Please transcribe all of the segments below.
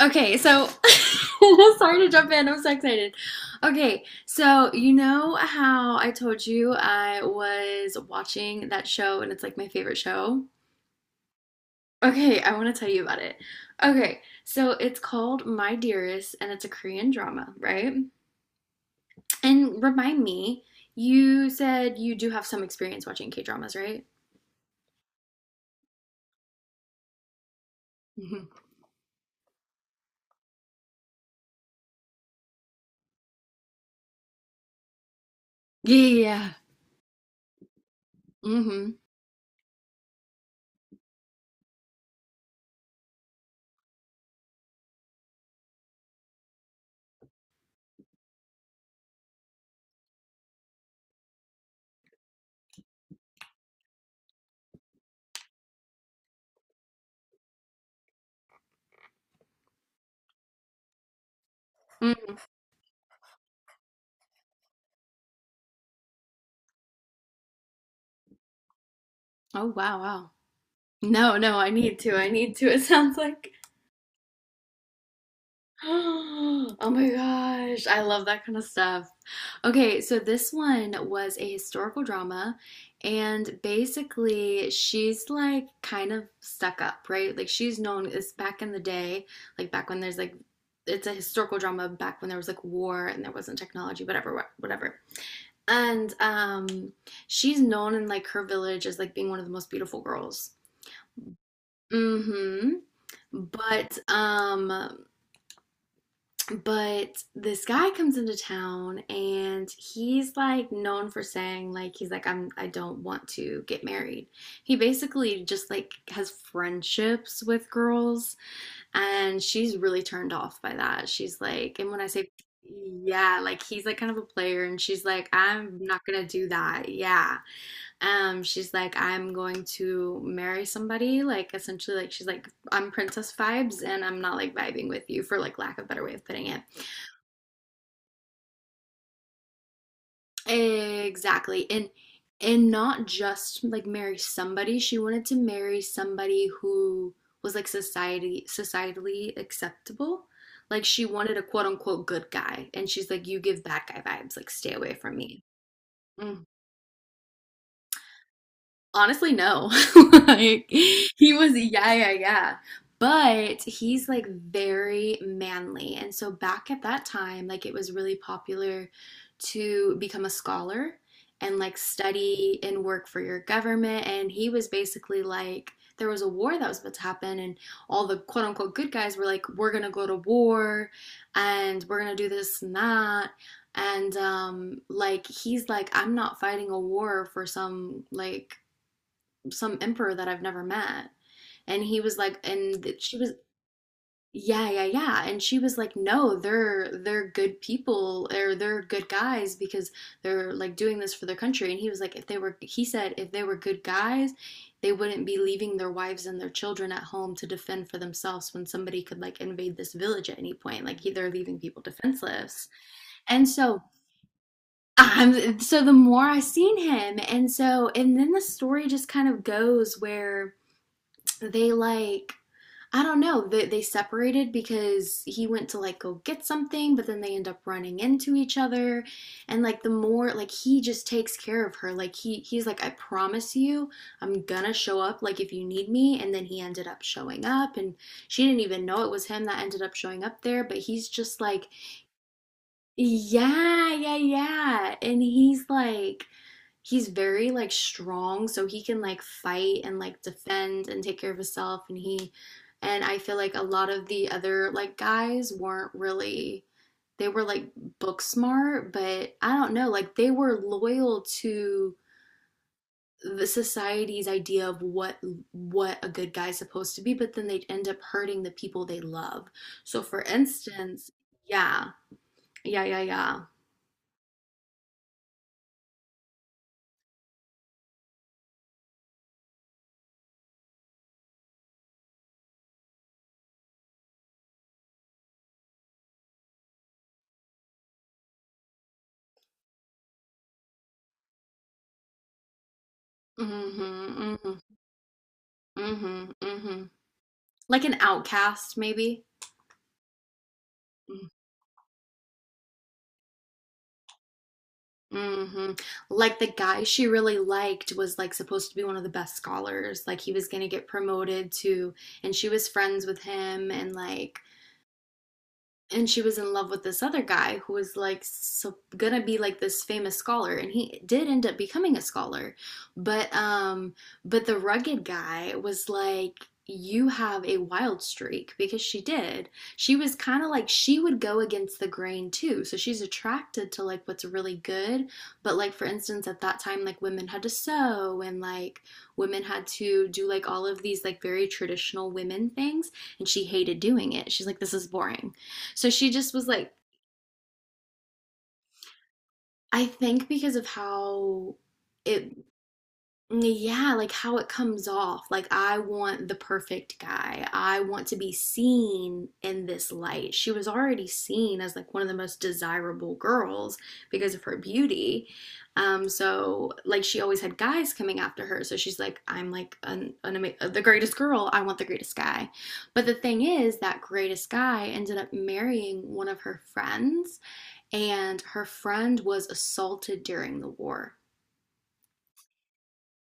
Okay, so sorry to jump in. I'm so excited. Okay, so you know how I told you I was watching that show and it's like my favorite show? Okay, I want to tell you about it. Okay, so it's called My Dearest and it's a Korean drama, right? And remind me, you said you do have some experience watching K dramas, right? Mhm. Yeah, yeah, yeah. Mm-hmm. Mm. Oh, wow, wow. No, no, I need to. I need to. It sounds like oh my gosh, I love that kind of stuff. Okay, so this one was a historical drama, and basically, she's like kind of stuck up, right? Like, she's known as back in the day, like back when there's like it's a historical drama back when there was like war and there wasn't technology, whatever, whatever. And she's known in like her village as like being one of the most beautiful girls. Mm-hmm. But um But this guy comes into town and he's like known for saying like he's like I don't want to get married. He basically just like has friendships with girls and she's really turned off by that. She's like and when I say yeah, like he's like kind of a player and she's like I'm not gonna do that. Yeah. She's like I'm going to marry somebody like essentially like she's like I'm princess vibes and I'm not like vibing with you for like lack of a better way of putting it. Exactly. And not just like marry somebody. She wanted to marry somebody who was like society societally acceptable. Like she wanted a quote unquote good guy. And she's like, you give bad guy vibes, like stay away from me. Mm-hmm. Honestly, no. Like he was yeah, yeah, yeah. But he's like very manly. And so back at that time, like it was really popular to become a scholar and like study and work for your government. And he was basically like there was a war that was about to happen and all the quote unquote good guys were like, we're gonna go to war and we're gonna do this and that. And like he's like, I'm not fighting a war for some like some emperor that I've never met. And he was like, and she was, yeah, yeah, yeah. And she was like, no, they're good people or they're good guys because they're like doing this for their country. And he was like, if they were, he said, if they were good guys, they wouldn't be leaving their wives and their children at home to defend for themselves when somebody could like invade this village at any point. Like they're leaving people defenseless. And so I'm so the more I seen him, and so and then the story just kind of goes where they like I don't know. They separated because he went to like go get something, but then they end up running into each other. And like the more like he just takes care of her. Like he's like I promise you, I'm gonna show up like if you need me. And then he ended up showing up and she didn't even know it was him that ended up showing up there, but he's just like yeah, yeah, yeah. And he's like he's very like strong, so he can like fight and like defend and take care of himself and I feel like a lot of the other like guys weren't really they were like book smart, but I don't know, like they were loyal to the society's idea of what a good guy's supposed to be, but then they'd end up hurting the people they love. So for instance, yeah, yeah, yeah, yeah. Mm-hmm, mm-hmm, mm-hmm, mm-hmm. Like an outcast, maybe. Hmm. Like the guy she really liked was like supposed to be one of the best scholars. Like he was gonna get promoted to, and she was friends with him, and she was in love with this other guy who was like so gonna be like this famous scholar and he did end up becoming a scholar but um but the rugged guy was like you have a wild streak because she was kind of like she would go against the grain too so she's attracted to like what's really good but like for instance at that time like women had to sew and like women had to do like all of these like very traditional women things and she hated doing it she's like this is boring so she just was like, I think because of how it, yeah, like how it comes off. Like, I want the perfect guy. I want to be seen in this light. She was already seen as like one of the most desirable girls because of her beauty. So like she always had guys coming after her. So she's like, I'm like the greatest girl. I want the greatest guy. But the thing is, that greatest guy ended up marrying one of her friends and her friend was assaulted during the war.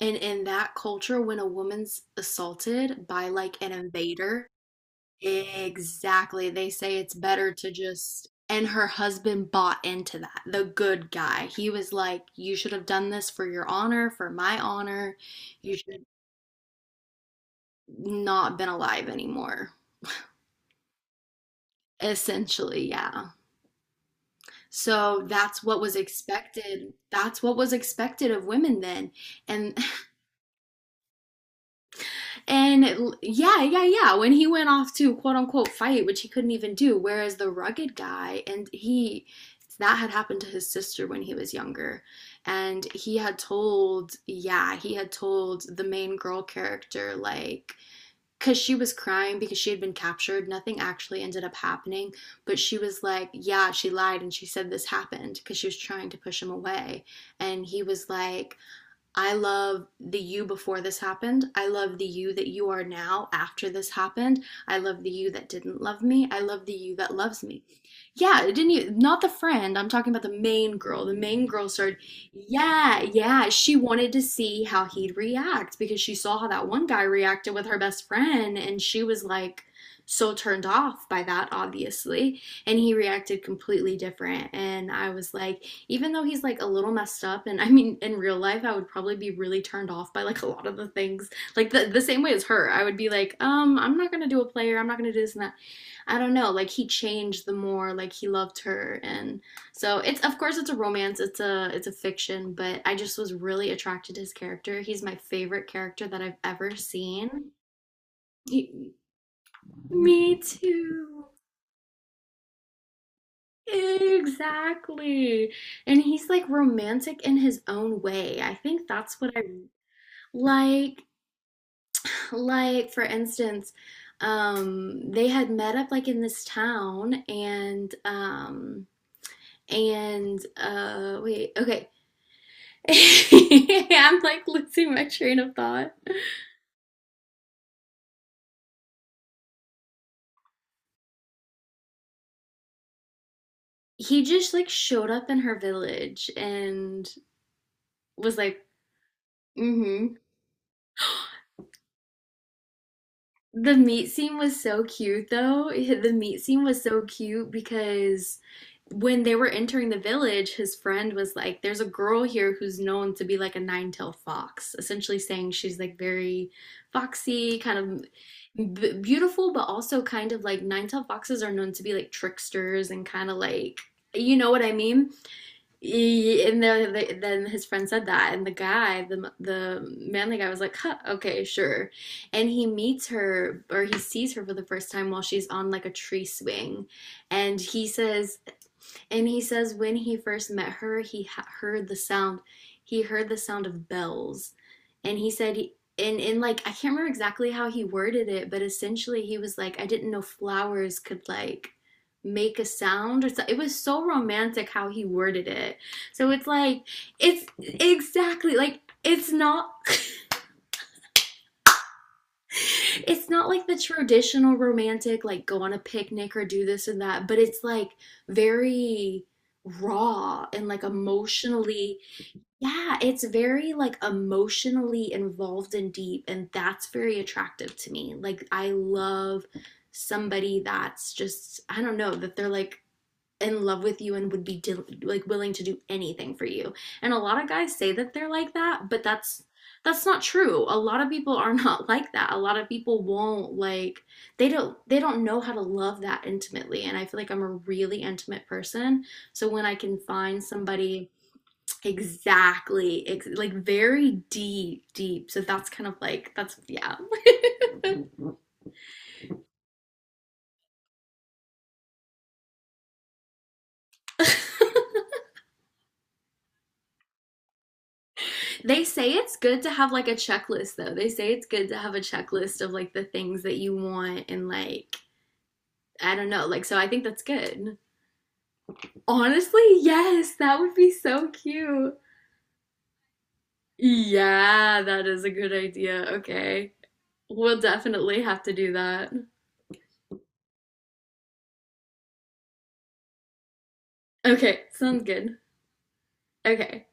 And in that culture, when a woman's assaulted by like an invader, exactly, they say it's better to just. And her husband bought into that, the good guy. He was like, you should have done this for your honor, for my honor. You should not been alive anymore. Essentially, yeah. So that's what was expected. That's what was expected of women then. And And yeah, yeah, yeah. When he went off to quote unquote fight, which he couldn't even do, whereas the rugged guy, and he, that had happened to his sister when he was younger. And he had told, yeah, he had told the main girl character, like, because she was crying because she had been captured. Nothing actually ended up happening. But she was like, yeah, she lied and she said this happened because she was trying to push him away. And he was like, I love the you before this happened. I love the you that you are now after this happened. I love the you that didn't love me. I love the you that loves me. Yeah, it didn't you? Not the friend. I'm talking about the main girl. The main girl started, yeah, yeah. She wanted to see how he'd react because she saw how that one guy reacted with her best friend and she was like so turned off by that, obviously. And he reacted completely different. And I was like, even though he's like a little messed up and I mean in real life I would probably be really turned off by like a lot of the things like the same way as her I would be like I'm not gonna do a player I'm not gonna do this and that I don't know like he changed the more like he loved her and so it's of course it's a romance it's a fiction but I just was really attracted to his character he's my favorite character that I've ever seen. He- Me too. Exactly. And he's like romantic in his own way. I think that's what I like. Like, for instance, they had met up like in this town and wait, okay. I'm like losing my train of thought. He just like showed up in her village and was like, mm-hmm. The meat scene was so cute, though. The meat scene was so cute because when they were entering the village, his friend was like, there's a girl here who's known to be like a nine-tailed fox, essentially saying she's like very foxy, kind of beautiful, but also kind of like nine-tailed foxes are known to be like tricksters and kind of like, you know what I mean? And then then his friend said that, and the guy, the manly guy, was like, huh, "Okay, sure." And he meets her, or he sees her for the first time while she's on like a tree swing, and he says, when he first met her, he heard the sound. He heard the sound of bells. And he said, and like, I can't remember exactly how he worded it, but essentially he was like, I didn't know flowers could like make a sound. It was so romantic how he worded it. So it's like, it's exactly like, it's not like the traditional romantic, like go on a picnic or do this and that, but it's like very raw and like emotionally, yeah, it's very like emotionally involved and deep, and that's very attractive to me. Like, I love somebody that's just, I don't know, that they're like in love with you and would be dil like willing to do anything for you. And a lot of guys say that they're like that, but that's not true. A lot of people are not like that. A lot of people won't like they don't know how to love that intimately. And I feel like I'm a really intimate person. So when I can find somebody exactly like very deep deep. So that's kind of like that's yeah. They say it's good to have like a checklist though. They say it's good to have a checklist of like the things that you want and like I don't know, like so I think that's good. Honestly, yes, that would be so cute. Yeah, that is a good idea. Okay. We'll definitely have to do that. Okay, sounds good. Okay.